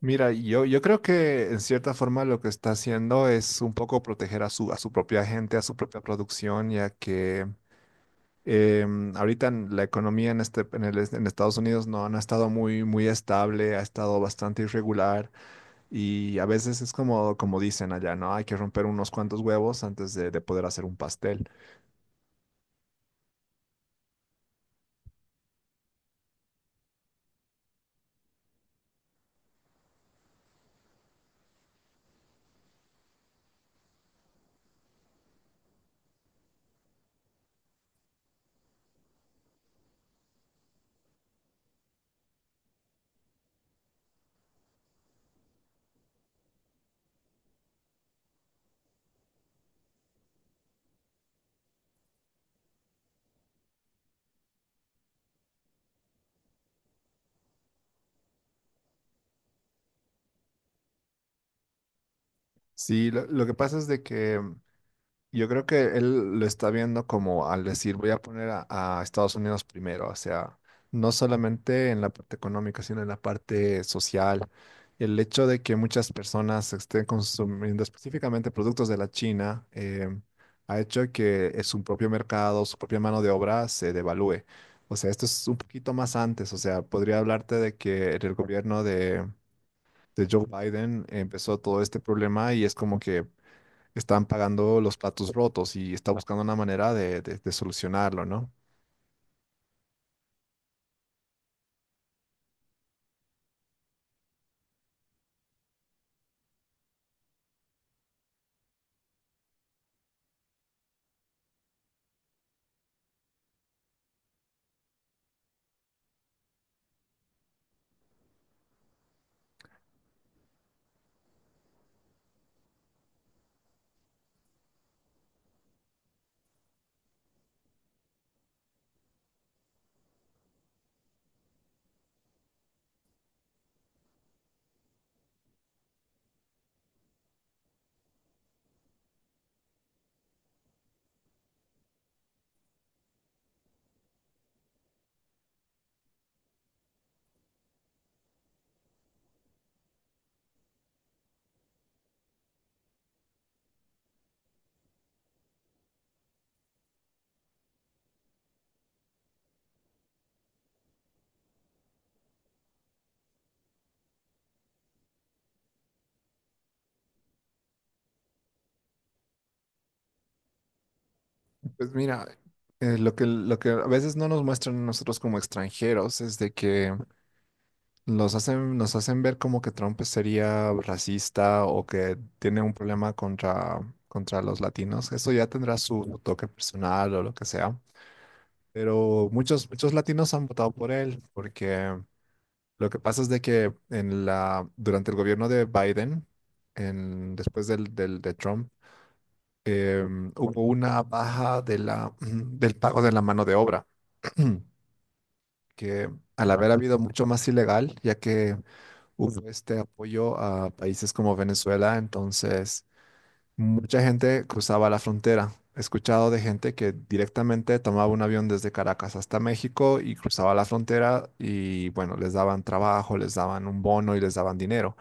Mira, yo creo que en cierta forma lo que está haciendo es un poco proteger a su propia gente, a su propia producción, ya que ahorita en la economía en, este, en, el est- en Estados Unidos no ha estado muy estable, ha estado bastante irregular, y a veces es como dicen allá, ¿no? Hay que romper unos cuantos huevos antes de poder hacer un pastel. Sí, lo que pasa es de que yo creo que él lo está viendo como al decir, voy a poner a Estados Unidos primero, o sea, no solamente en la parte económica, sino en la parte social. El hecho de que muchas personas estén consumiendo específicamente productos de la China ha hecho que su propio mercado, su propia mano de obra se devalúe. O sea, esto es un poquito más antes, o sea, podría hablarte de que el gobierno de Joe Biden empezó todo este problema y es como que están pagando los platos rotos y está buscando una manera de solucionarlo, ¿no? Pues mira, lo que a veces no nos muestran a nosotros como extranjeros es de que los hacen, nos hacen ver como que Trump sería racista o que tiene un problema contra los latinos. Eso ya tendrá su toque personal o lo que sea. Pero muchos latinos han votado por él porque lo que pasa es de que en durante el gobierno de Biden, en, después de, Trump, hubo una baja de del pago de la mano de obra, que al haber habido mucho más ilegal, ya que hubo este apoyo a países como Venezuela, entonces mucha gente cruzaba la frontera. He escuchado de gente que directamente tomaba un avión desde Caracas hasta México y cruzaba la frontera y bueno, les daban trabajo, les daban un bono y les daban dinero.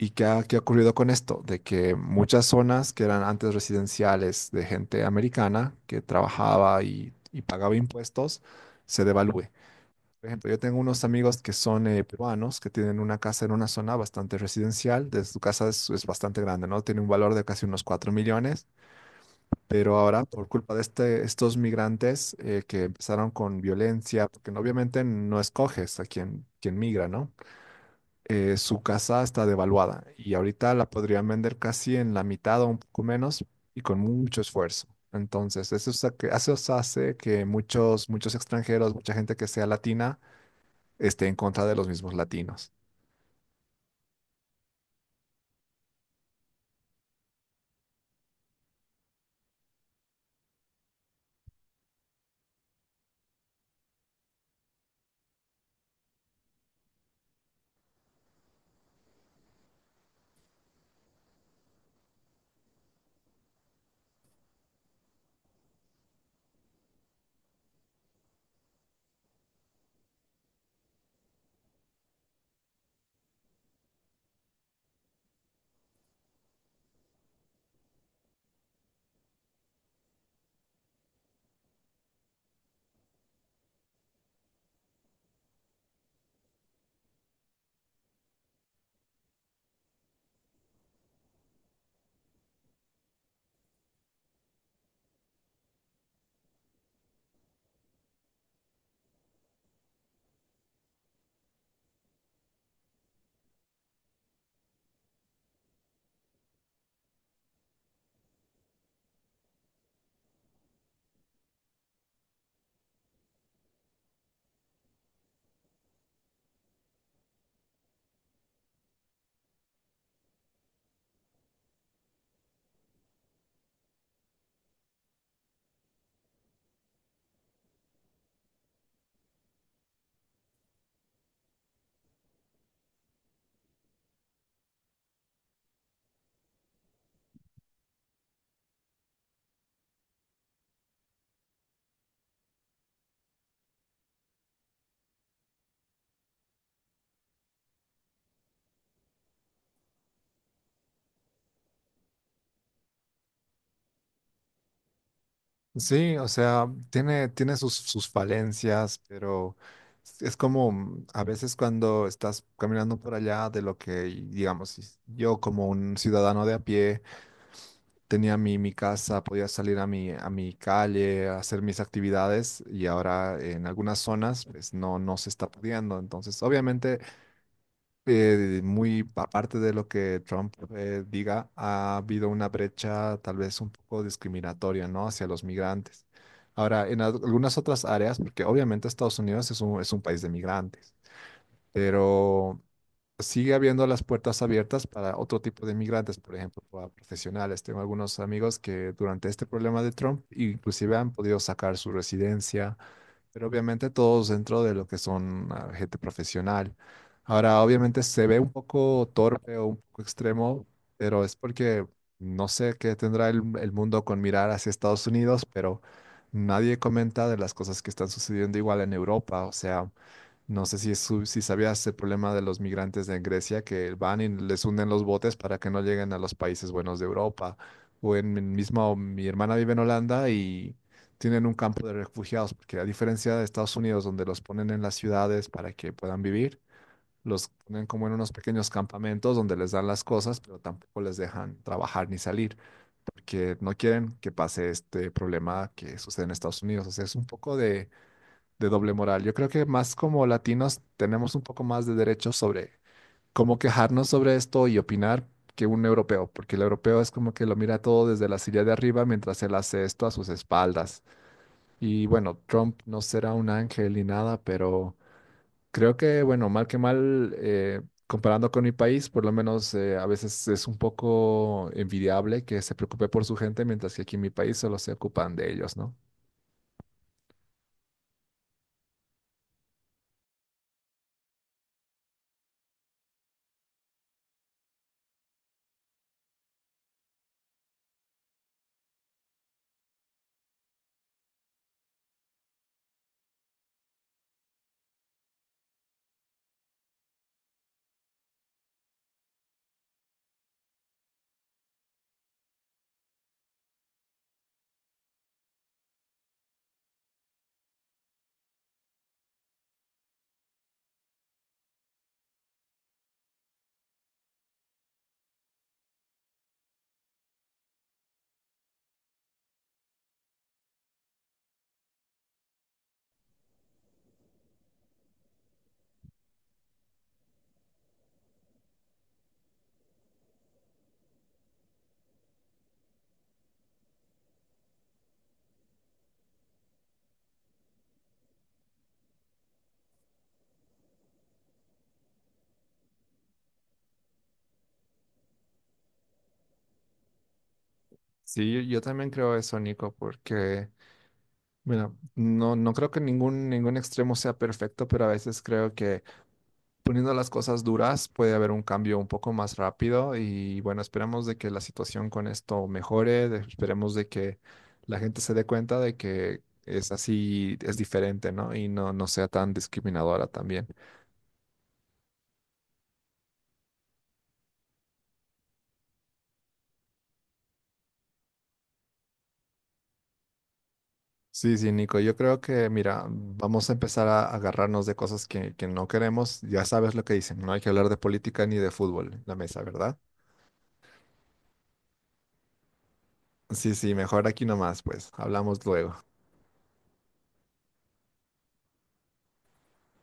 ¿Y qué qué ha ocurrido con esto? De que muchas zonas que eran antes residenciales de gente americana que trabajaba y pagaba impuestos, se devalúe. Por ejemplo, yo tengo unos amigos que son peruanos, que tienen una casa en una zona bastante residencial, de su casa es bastante grande, ¿no? Tiene un valor de casi unos 4 millones, pero ahora por culpa de estos migrantes que empezaron con violencia, porque obviamente no escoges a quien migra, ¿no? Su casa está devaluada y ahorita la podrían vender casi en la mitad o un poco menos y con mucho esfuerzo. Entonces, eso, eso os hace que muchos extranjeros, mucha gente que sea latina, esté en contra de los mismos latinos. Sí, o sea, tiene sus falencias, pero es como a veces cuando estás caminando por allá de lo que, digamos, yo como un ciudadano de a pie, tenía mi casa, podía salir a a mi calle, a hacer mis actividades y ahora en algunas zonas pues no se está pudiendo. Entonces, obviamente, muy aparte de lo que Trump diga, ha habido una brecha tal vez un poco discriminatoria, ¿no?, hacia los migrantes. Ahora, algunas otras áreas, porque obviamente Estados Unidos es es un país de migrantes, pero sigue habiendo las puertas abiertas para otro tipo de migrantes, por ejemplo, para profesionales. Tengo algunos amigos que durante este problema de Trump inclusive han podido sacar su residencia, pero obviamente todos dentro de lo que son gente profesional. Ahora, obviamente se ve un poco torpe o un poco extremo, pero es porque no sé qué tendrá el mundo con mirar hacia Estados Unidos, pero nadie comenta de las cosas que están sucediendo igual en Europa. O sea, no sé si, si sabías el problema de los migrantes en Grecia, que van y les hunden los botes para que no lleguen a los países buenos de Europa. O en mi mismo, mi hermana vive en Holanda y tienen un campo de refugiados, porque a diferencia de Estados Unidos, donde los ponen en las ciudades para que puedan vivir, los ponen como en unos pequeños campamentos donde les dan las cosas, pero tampoco les dejan trabajar ni salir, porque no quieren que pase este problema que sucede en Estados Unidos. O sea, es un poco de doble moral. Yo creo que más como latinos tenemos un poco más de derechos sobre cómo quejarnos sobre esto y opinar que un europeo, porque el europeo es como que lo mira todo desde la silla de arriba mientras él hace esto a sus espaldas. Y bueno, Trump no será un ángel ni nada, pero creo que, bueno, mal que mal, comparando con mi país, por lo menos, a veces es un poco envidiable que se preocupe por su gente, mientras que aquí en mi país solo se ocupan de ellos, ¿no? Sí, yo también creo eso, Nico, porque... Bueno, no, no creo que ningún extremo sea perfecto, pero a veces creo que poniendo las cosas duras puede haber un cambio un poco más rápido y bueno, esperemos de que la situación con esto mejore, esperemos de que la gente se dé cuenta de que es así, es diferente, ¿no? Y no, no sea tan discriminadora también. Sí, sí, Nico, yo creo que, mira, vamos a empezar a agarrarnos de cosas que no queremos. Ya sabes lo que dicen, no hay que hablar de política ni de fútbol en la mesa, ¿verdad? Sí, sí, mejor aquí nomás, pues. Hablamos luego.